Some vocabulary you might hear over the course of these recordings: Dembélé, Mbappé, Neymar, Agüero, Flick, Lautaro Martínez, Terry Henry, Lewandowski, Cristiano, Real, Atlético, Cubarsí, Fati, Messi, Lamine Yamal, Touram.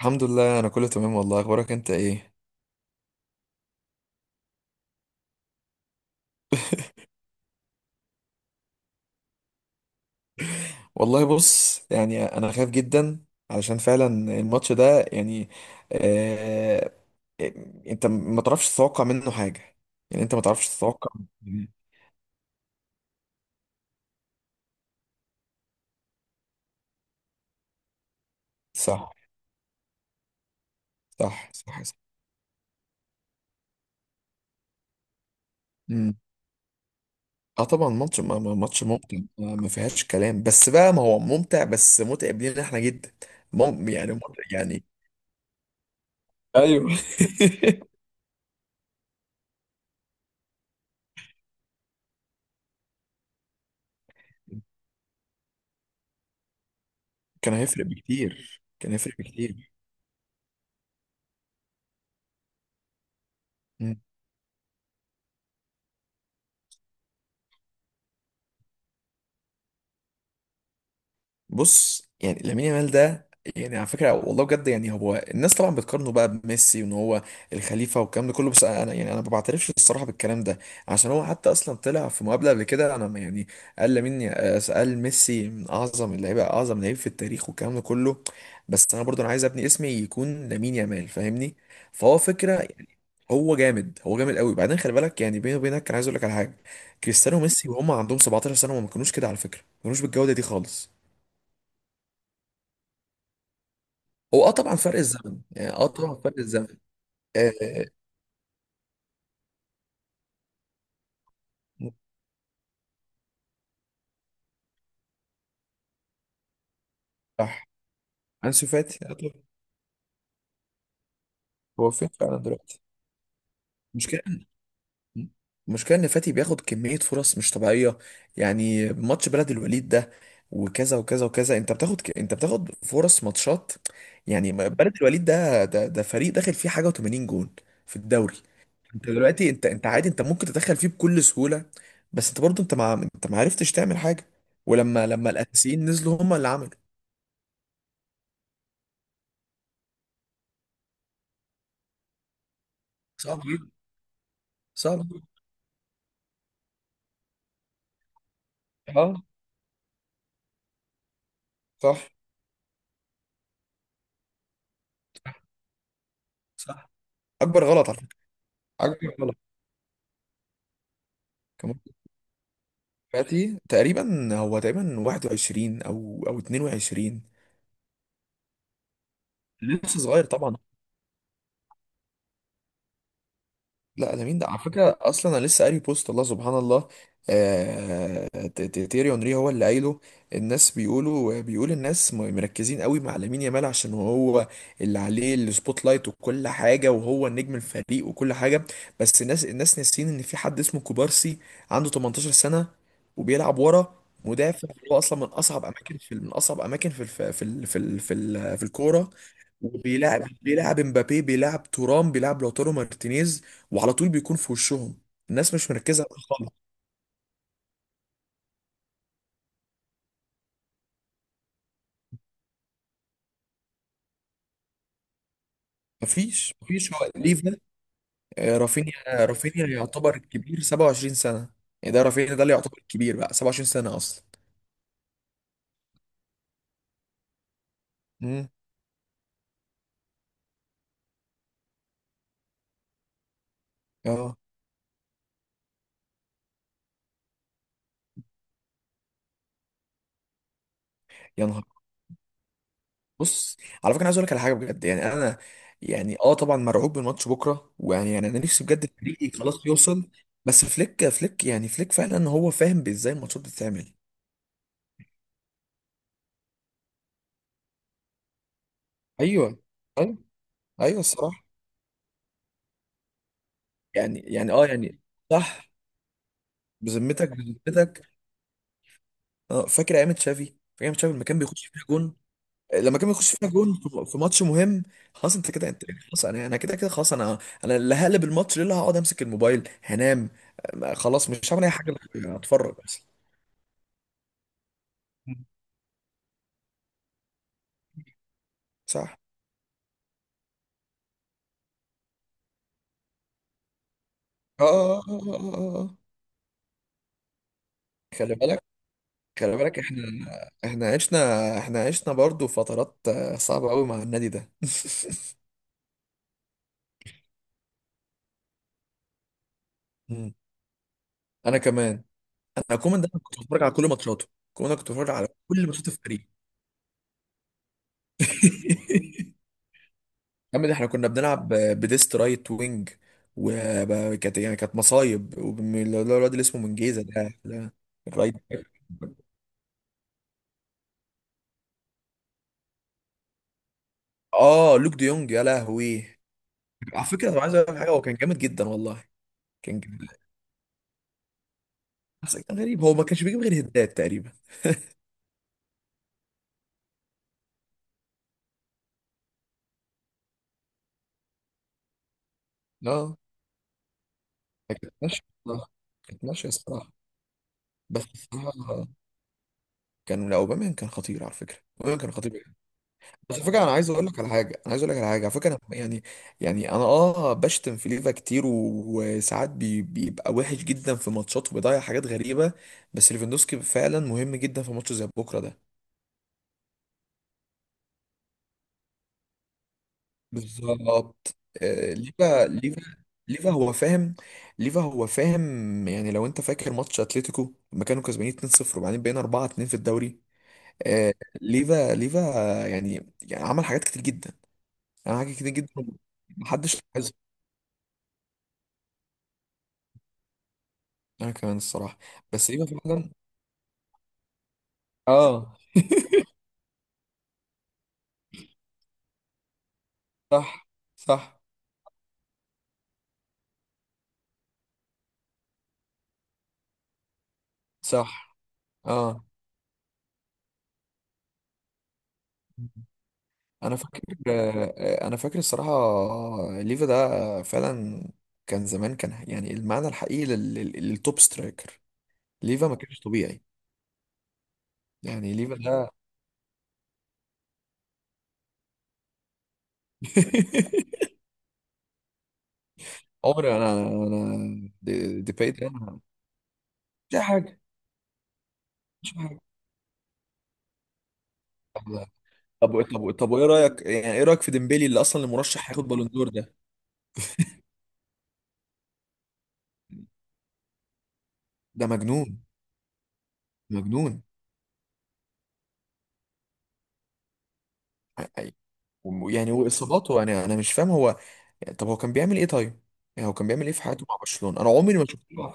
الحمد لله، انا كله تمام. والله اخبارك انت ايه؟ والله بص، انا خايف جدا علشان فعلا الماتش ده يعني. آه إيه، انت ما تعرفش تتوقع منه حاجه. يعني انت ما تعرفش تتوقع صح، صح، صح. مم. اه طبعا ماتش ماتش ممتع، ما فيهاش كلام، بس بقى ما هو ممتع بس متعب لينا احنا جدا. يعني متعب يعني. ايوه كان هيفرق بكتير، كان هيفرق بكتير. بص، يعني لامين يامال ده، يعني على فكره والله بجد، يعني هو الناس طبعا بتقارنه بقى بميسي وان هو الخليفه والكلام ده كله، بس انا ما بعترفش الصراحه بالكلام ده. عشان هو حتى اصلا طلع في مقابله قبل كده. انا ما- يعني قال ميسي من اعظم اللعيبه، اعظم لعيب في التاريخ والكلام ده كله. بس انا عايز ابني اسمي يكون لامين يامال، فاهمني؟ فهو فكره يعني، هو جامد، هو جامد قوي. بعدين خلي بالك، يعني بيني وبينك، كان عايز اقول لك على حاجه. كريستيانو وميسي وهم عندهم 17 سنه وما كانوش كده على فكره، ما كانوش بالجوده دي خالص. هو طبعا فرق الزمن، طبعا فرق الزمن. آه. صح. انسو فاتي آه طبعا. هو فين فعلا دلوقتي؟ المشكله المشكله ان فاتي بياخد كميه فرص مش طبيعيه. يعني ماتش بلد الوليد ده وكذا وكذا وكذا، انت بتاخد فرص ماتشات. يعني بلد الوليد ده، ده فريق داخل فيه حاجه و80 جون في الدوري. انت دلوقتي، انت عادي، انت ممكن تدخل فيه بكل سهوله. بس انت برضو، انت ما عرفتش تعمل حاجه. ولما الاساسيين نزلوا، هم اللي عملوا. صعب. صعب. اه. صح، صح. اكبر غلط على فكره، اكبر غلط. كمان. دلوقتي تقريبا، هو تقريبا 21 او 22. لسه صغير طبعا. لا ده مين ده على فكره؟ اصلا انا لسه قاري بوست، الله سبحان الله. تيري اونري هو اللي قايله. الناس بيقول الناس مركزين قوي مع لامين يامال عشان هو اللي عليه السبوت لايت وكل حاجه، وهو النجم الفريق وكل حاجه. بس الناس ناسيين ان في حد اسمه كوبارسي، عنده 18 سنه وبيلعب ورا مدافع. هو اصلا من اصعب اماكن، في من اصعب اماكن في الف... في ال... في ال... في ال... في الكوره. وبيلعب، بيلعب مبابي، بيلعب تورام، بيلعب لوتارو مارتينيز، وعلى طول بيكون في وشهم. الناس مش مركزه معاه خالص. مفيش. هو ليفا، آه، رافينيا. رافينيا يعتبر الكبير، 27 سنه. يعني ده رافينيا ده اللي يعتبر الكبير بقى، 27 سنه اصلا. امم اه يا نهار. بص، على فكره انا عايز اقول لك على حاجه بجد، يعني انا يعني اه طبعا مرعوب من ماتش بكره. ويعني انا نفسي بجد الفريق خلاص يوصل. بس فليك، فليك فعلا هو فاهم ازاي الماتشات بتتعمل. ايوه، ايوه، ايوه، الصراحه. يعني يعني اه يعني صح. بذمتك، بذمتك، اه فاكر ايام تشافي؟ فاكر ايام تشافي لما كان بيخش فيها جون، لما كان بيخش فيها في ماتش مهم؟ خلاص انت كده، انت خلاص، انا كده خلاص. انا انا اللي هقلب الماتش ليه، اللي هقعد امسك الموبايل هنام. خلاص مش هعمل اي حاجه غير اتفرج بس. صح. اه، اه، اه، اه، اه، اه. آه. خلي بالك، خلي بالك احنا، عشنا، عشنا برضو فترات، آه، صعبه قوي مع النادي ده مم. انا كمان. أنا كومان ده، أنا كنت بتفرج على كل ماتشاته. كومان ده كنت بتفرج على كل ماتشات الفريق. يا عم، ده احنا كنا بنلعب بديست رايت وينج، وكانت يعني كانت مصايب. اللي هو الواد اللي اسمه منجيزة ده الرايت. اه لوك ديونج، يا لهوي. على فكرة أنا عايز اقول لك حاجة، هو كان جامد جدا والله. كان جامد. بس كان غريب، هو ما كانش بيجيب غير هدات تقريبا. اه. كانت ماشية الصراحة. كانت ماشية الصراحة، بس الصراحة كان، لا اوباما كان خطير، على فكرة اوباما كان خطير. بس على فكره، انا عايز اقول لك على حاجه على فكره أنا يعني، يعني انا اه بشتم في ليفا كتير، وساعات بيبقى وحش جدا في ماتشات، وبيضيع حاجات غريبه. بس ليفاندوسكي فعلا مهم جدا في ماتش زي بكره ده. بالظبط، آه، ليفا، ليفا، ليفا هو فاهم. ليفا هو فاهم. يعني لو انت فاكر ماتش اتلتيكو، لما كانوا كسبانين 2-0، وبعدين بقينا 4-2 في الدوري. آه، ليفا، ليفا، يعني عمل حاجات كتير جدا، يعني عمل حاجات كتير جدا. محدش. انا كمان الصراحة. بس ايوه فعلا. اه. صح، صح، صح. اه انا فاكر، آه، انا فاكر الصراحة. آه، ليفا ده فعلا كان زمان، كان يعني المعنى الحقيقي للتوب سترايكر. ليفا ما كانش طبيعي. يعني ليفا ده عمري انا انا أنا دي باي ده مش أي حاجة، مش أي حاجة. طب، طب وايه رأيك، يعني ايه رأيك في ديمبلي اللي اصلا المرشح هياخد بالون دور ده؟ ده مجنون، مجنون. واصاباته، انا مش فاهم هو يعني، طب هو كان بيعمل ايه طيب؟ يعني هو كان بيعمل ايه في حياته مع برشلونه؟ انا عمري ما شفت له.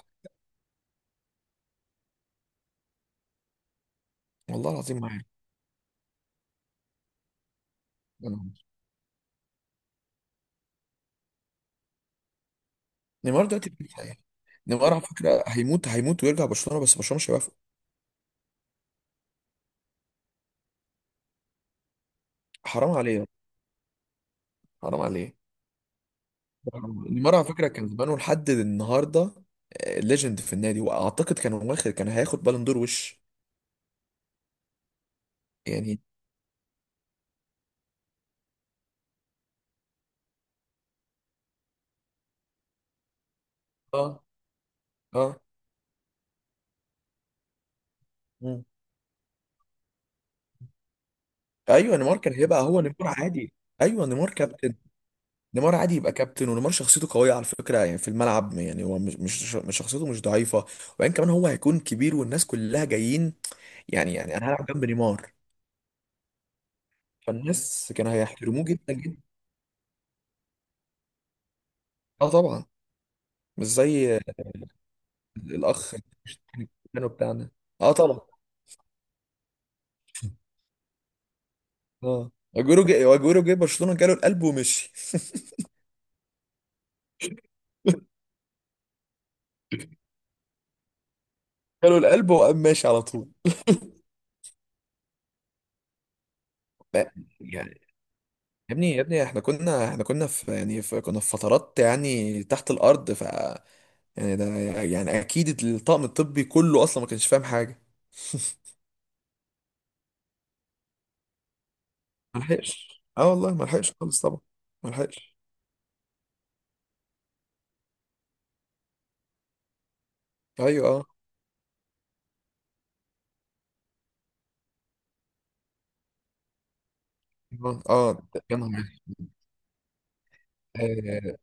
والله العظيم ما عارف. أنا- نيمار دلوقتي في الحقيقة. نيمار على فكره هيموت، هيموت ويرجع برشلونه، بس برشلونه مش هيوافق. حرام عليه، حرام عليه، حرام عليه. نيمار على فكره كان زمانه لحد النهارده ليجند في النادي، واعتقد كان هياخد بالون دور وش. يعني اه، اه. مم. ايوه نيمار كان هيبقى هو نيمار، عادي. ايوه نيمار كابتن. نيمار عادي يبقى كابتن، ونيمار شخصيته قوية على فكرة، يعني في الملعب يعني هو مش، مش شخصيته مش ضعيفة. وبعدين كمان هو هيكون كبير والناس كلها جايين، يعني، انا هلعب جنب نيمار. فالناس كانوا هيحترموه جدا جدا. اه طبعا. مش زي الاخ. كانوا بتاعنا. اه طبعا. اه اجويرو جه، برشلونة جاله القلب ومشي. جاله القلب وقام ماشي على طول. لا، يعني يا ابني، يا ابني احنا كنا، احنا كنا في يعني في كنا في فترات، يعني تحت الارض ف، يعني ده، يعني اكيد الطاقم الطبي كله اصلا ما كانش فاهم حاجه. ملحقش، اه والله ما لحقش خالص طبعا. ما لحقش. ايوه، اه، اه. آه، يا نهار أبيض.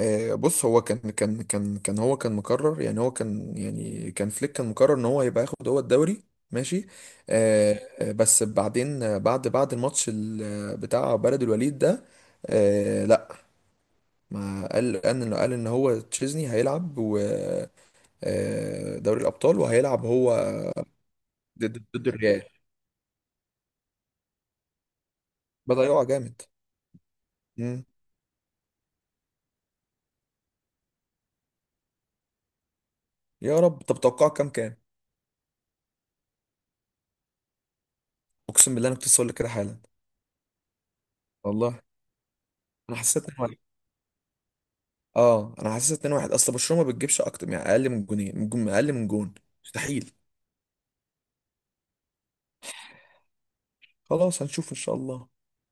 آه. آه بص، هو كان هو كان مقرر، يعني هو كان يعني كان فليك كان مقرر ان هو هيبقى ياخد هو الدوري. ماشي. آه. آه، بس بعدين آه، بعد الماتش بتاع بلد الوليد ده. آه لا، ما قال قال انه، قال ان هو تشيزني هيلعب، و آه، دوري الابطال وهيلعب هو ضد، الريال. بضيعه جامد. مم. يا رب. طب توقعه كام، اقسم بالله انا كنت لسه هقول لك كده حالا، والله. انا حسيت 2-1. اه انا حسيت 2-1. اصل برشلونه ما بتجيبش اكتر، يعني اقل من جونين، من جون اقل من جون مستحيل. خلاص، هنشوف ان شاء الله.